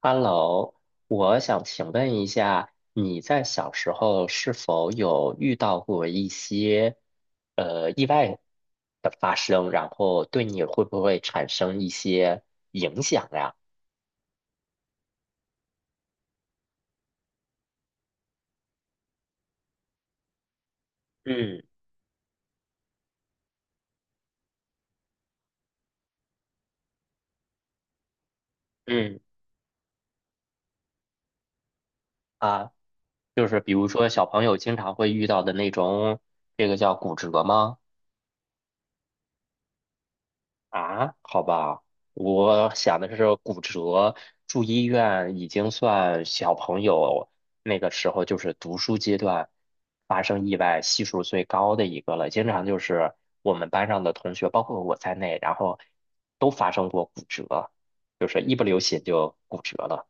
Hello，我想请问一下，你在小时候是否有遇到过一些意外的发生，然后对你会不会产生一些影响呀？嗯嗯。啊，就是比如说小朋友经常会遇到的那种，这个叫骨折吗？啊，好吧，我想的是骨折。住医院已经算小朋友那个时候就是读书阶段发生意外系数最高的一个了，经常就是我们班上的同学，包括我在内，然后都发生过骨折，就是一不留神就骨折了。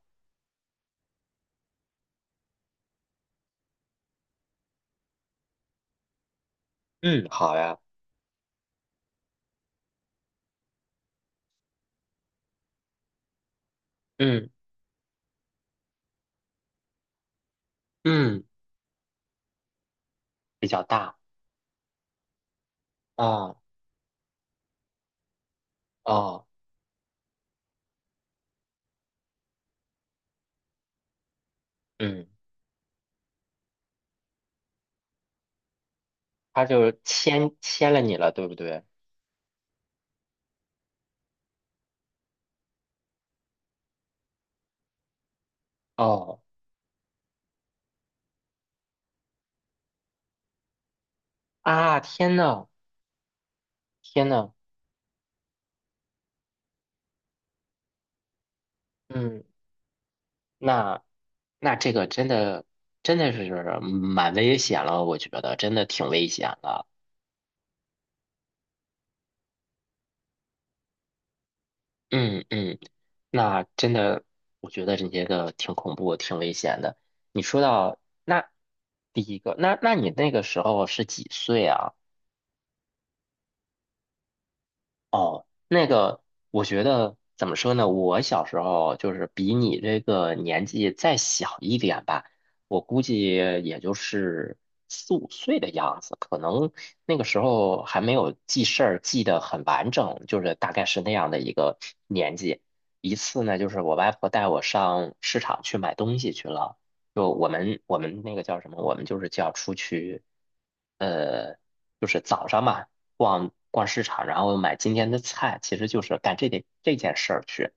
嗯，好呀。嗯嗯，比较大。啊，哦。嗯，他就牵了你了，对不对？哦。啊，天呐！天呐！嗯，那那这个真的真的是蛮危险了，我觉得真的挺危险的。嗯嗯，那真的我觉得这些个挺恐怖、挺危险的。你说到那第一个，那你那个时候是几岁啊？哦，那个，我觉得怎么说呢？我小时候就是比你这个年纪再小一点吧，我估计也就是四五岁的样子，可能那个时候还没有记事儿记得很完整，就是大概是那样的一个年纪。一次呢，就是我外婆带我上市场去买东西去了，就我们那个叫什么？我们就是叫出去，呃。就是早上嘛，逛逛市场，然后买今天的菜，其实就是干这点这件事儿去。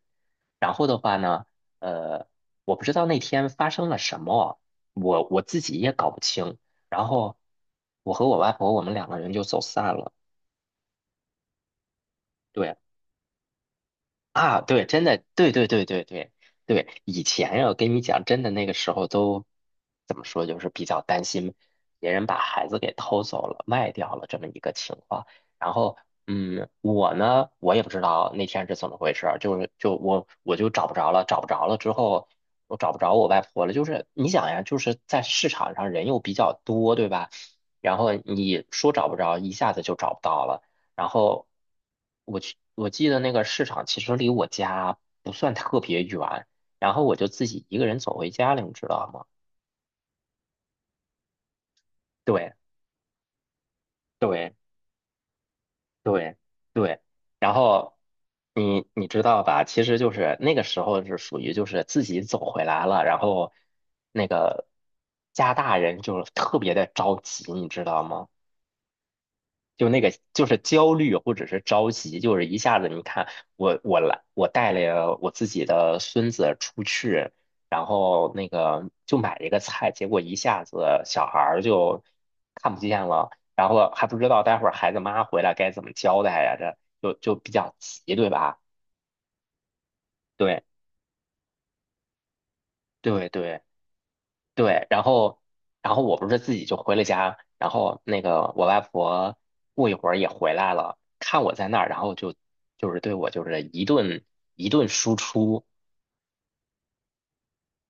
然后的话呢，呃，我不知道那天发生了什么，我自己也搞不清。然后我和我外婆我们两个人就走散了。对。啊，对，真的，对对对对对对。以前呀，我跟你讲，真的那个时候都怎么说，就是比较担心别人把孩子给偷走了、卖掉了这么一个情况。然后，嗯，我呢，我也不知道那天是怎么回事儿，就是就我就找不着了，找不着了之后，我找不着我外婆了。就是你想呀，就是在市场上人又比较多，对吧？然后你说找不着，一下子就找不到了。然后我去，我记得那个市场其实离我家不算特别远，然后我就自己一个人走回家了，你知道吗？对对对对。然后你你知道吧？其实就是那个时候是属于就是自己走回来了，然后那个家大人就是特别的着急，你知道吗？就那个就是焦虑或者是着急，就是一下子你看我带了我自己的孙子出去，然后那个就买了一个菜，结果一下子小孩儿就看不见了，然后还不知道待会儿孩子妈回来该怎么交代呀，这就比较急，对吧？对对对。对，然后，然后我不是自己就回了家，然后那个我外婆过一会儿也回来了，看我在那儿，然后就就是对我就是一顿输出。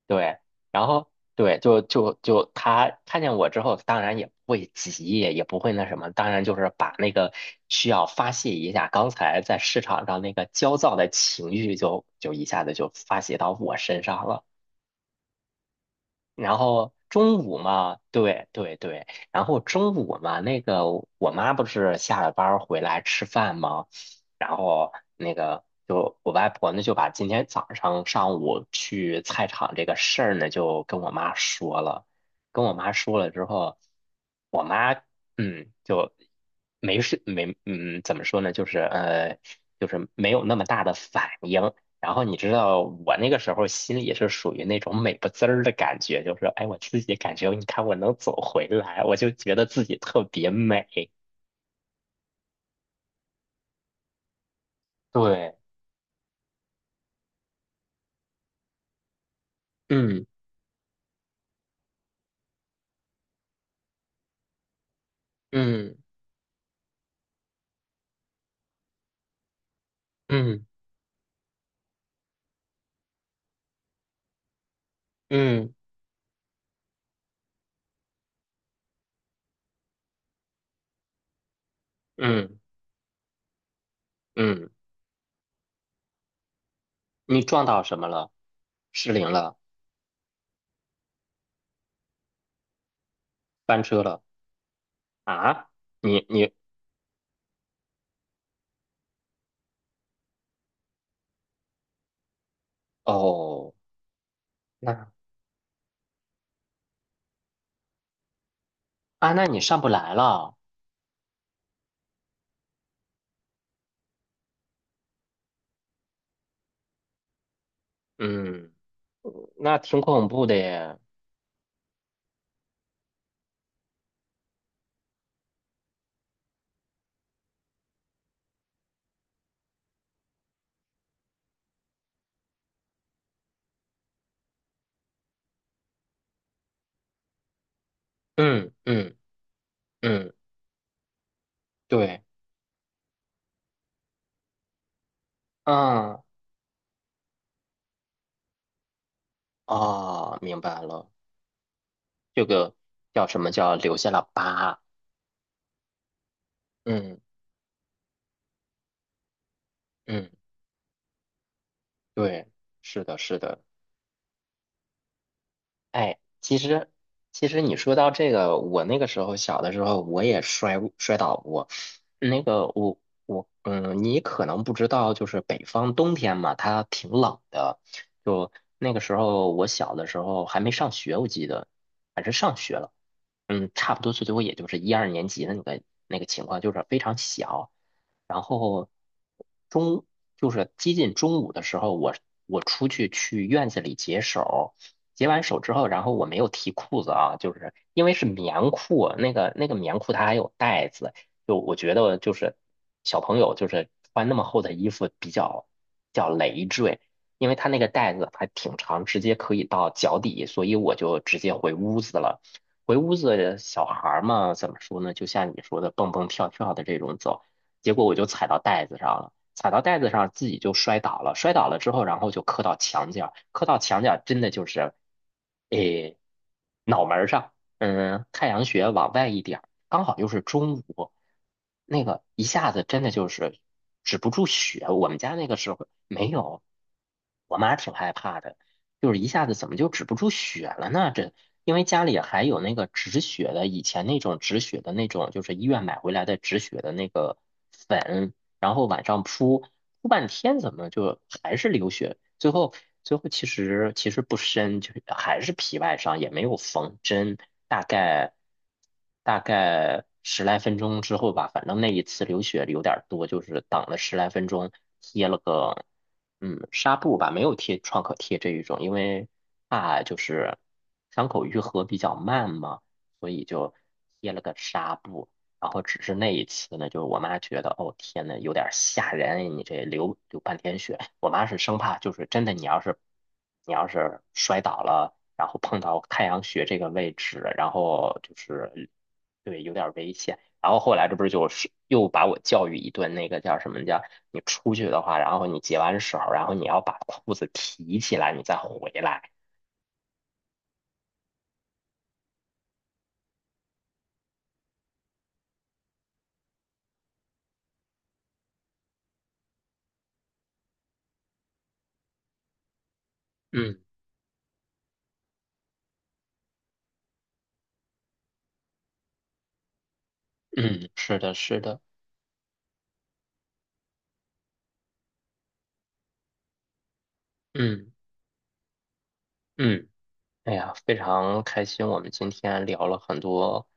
对，然后对，就她看见我之后，当然也不会急，也不会那什么，当然就是把那个需要发泄一下刚才在市场上那个焦躁的情绪就一下子就发泄到我身上了。然后中午嘛，对对对，然后中午嘛，那个我妈不是下了班儿回来吃饭吗？然后那个就我外婆呢就把今天早上上午去菜场这个事儿呢就跟我妈说了，跟我妈说了之后，我妈就没事没嗯怎么说呢，就是就是没有那么大的反应。然后你知道我那个时候心里是属于那种美不滋儿的感觉，就是哎，我自己感觉你看我能走回来，我就觉得自己特别美。对，嗯嗯嗯嗯嗯嗯。你撞到什么了？失灵了？翻车了？啊？你你哦。那。啊，那你上不来了。嗯，那挺恐怖的耶。嗯嗯嗯，对。嗯，哦，明白了。这个叫什么叫留下了疤。嗯嗯，对，是的，是的。哎，其实你说到这个，我那个时候小的时候我也摔倒过。那个我我嗯，你可能不知道，就是北方冬天嘛，它挺冷的。就那个时候我小的时候还没上学，我记得还是上学了。嗯，差不多最多也就是一二年级的那个那个情况，就是非常小。然后中就是接近中午的时候，我出去去院子里解手。解完手之后，然后我没有提裤子啊，就是因为是棉裤，那个棉裤它还有带子，就我觉得就是小朋友就是穿那么厚的衣服比较累赘，因为它那个带子还挺长，直接可以到脚底，所以我就直接回屋子了。回屋子，小孩儿嘛，怎么说呢？就像你说的，蹦蹦跳跳的这种走，结果我就踩到袋子上了，踩到袋子上自己就摔倒了，摔倒了之后，然后就磕到墙角，磕到墙角真的就是，诶，脑门儿上，嗯，太阳穴往外一点儿，刚好又是中午，那个一下子真的就是止不住血，我们家那个时候没有，我妈挺害怕的。就是一下子怎么就止不住血了呢？这因为家里还有那个止血的，以前那种止血的那种，就是医院买回来的止血的那个粉，然后晚上铺半天，怎么就还是流血？最后其实不深，就是还是皮外伤，也没有缝针，大概大概十来分钟之后吧，反正那一次流血有点儿多，就是等了十来分钟，贴了个。嗯，纱布吧，没有贴创可贴这一种，因为怕就是伤口愈合比较慢嘛，所以就贴了个纱布。然后只是那一次呢，就是我妈觉得，哦天呐，有点吓人，哎你这流半天血。我妈是生怕就是真的，你要是摔倒了，然后碰到太阳穴这个位置，然后就是对有点危险。然后后来这不是就是又把我教育一顿，那个叫什么叫？你出去的话，然后你解完手，然后你要把裤子提起来，你再回来。嗯嗯，是的，是的，嗯嗯，哎呀，非常开心，我们今天聊了很多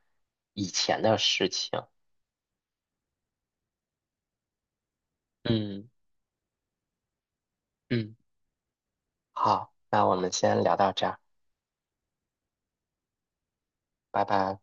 以前的事情。嗯嗯，好，那我们先聊到这儿，拜拜。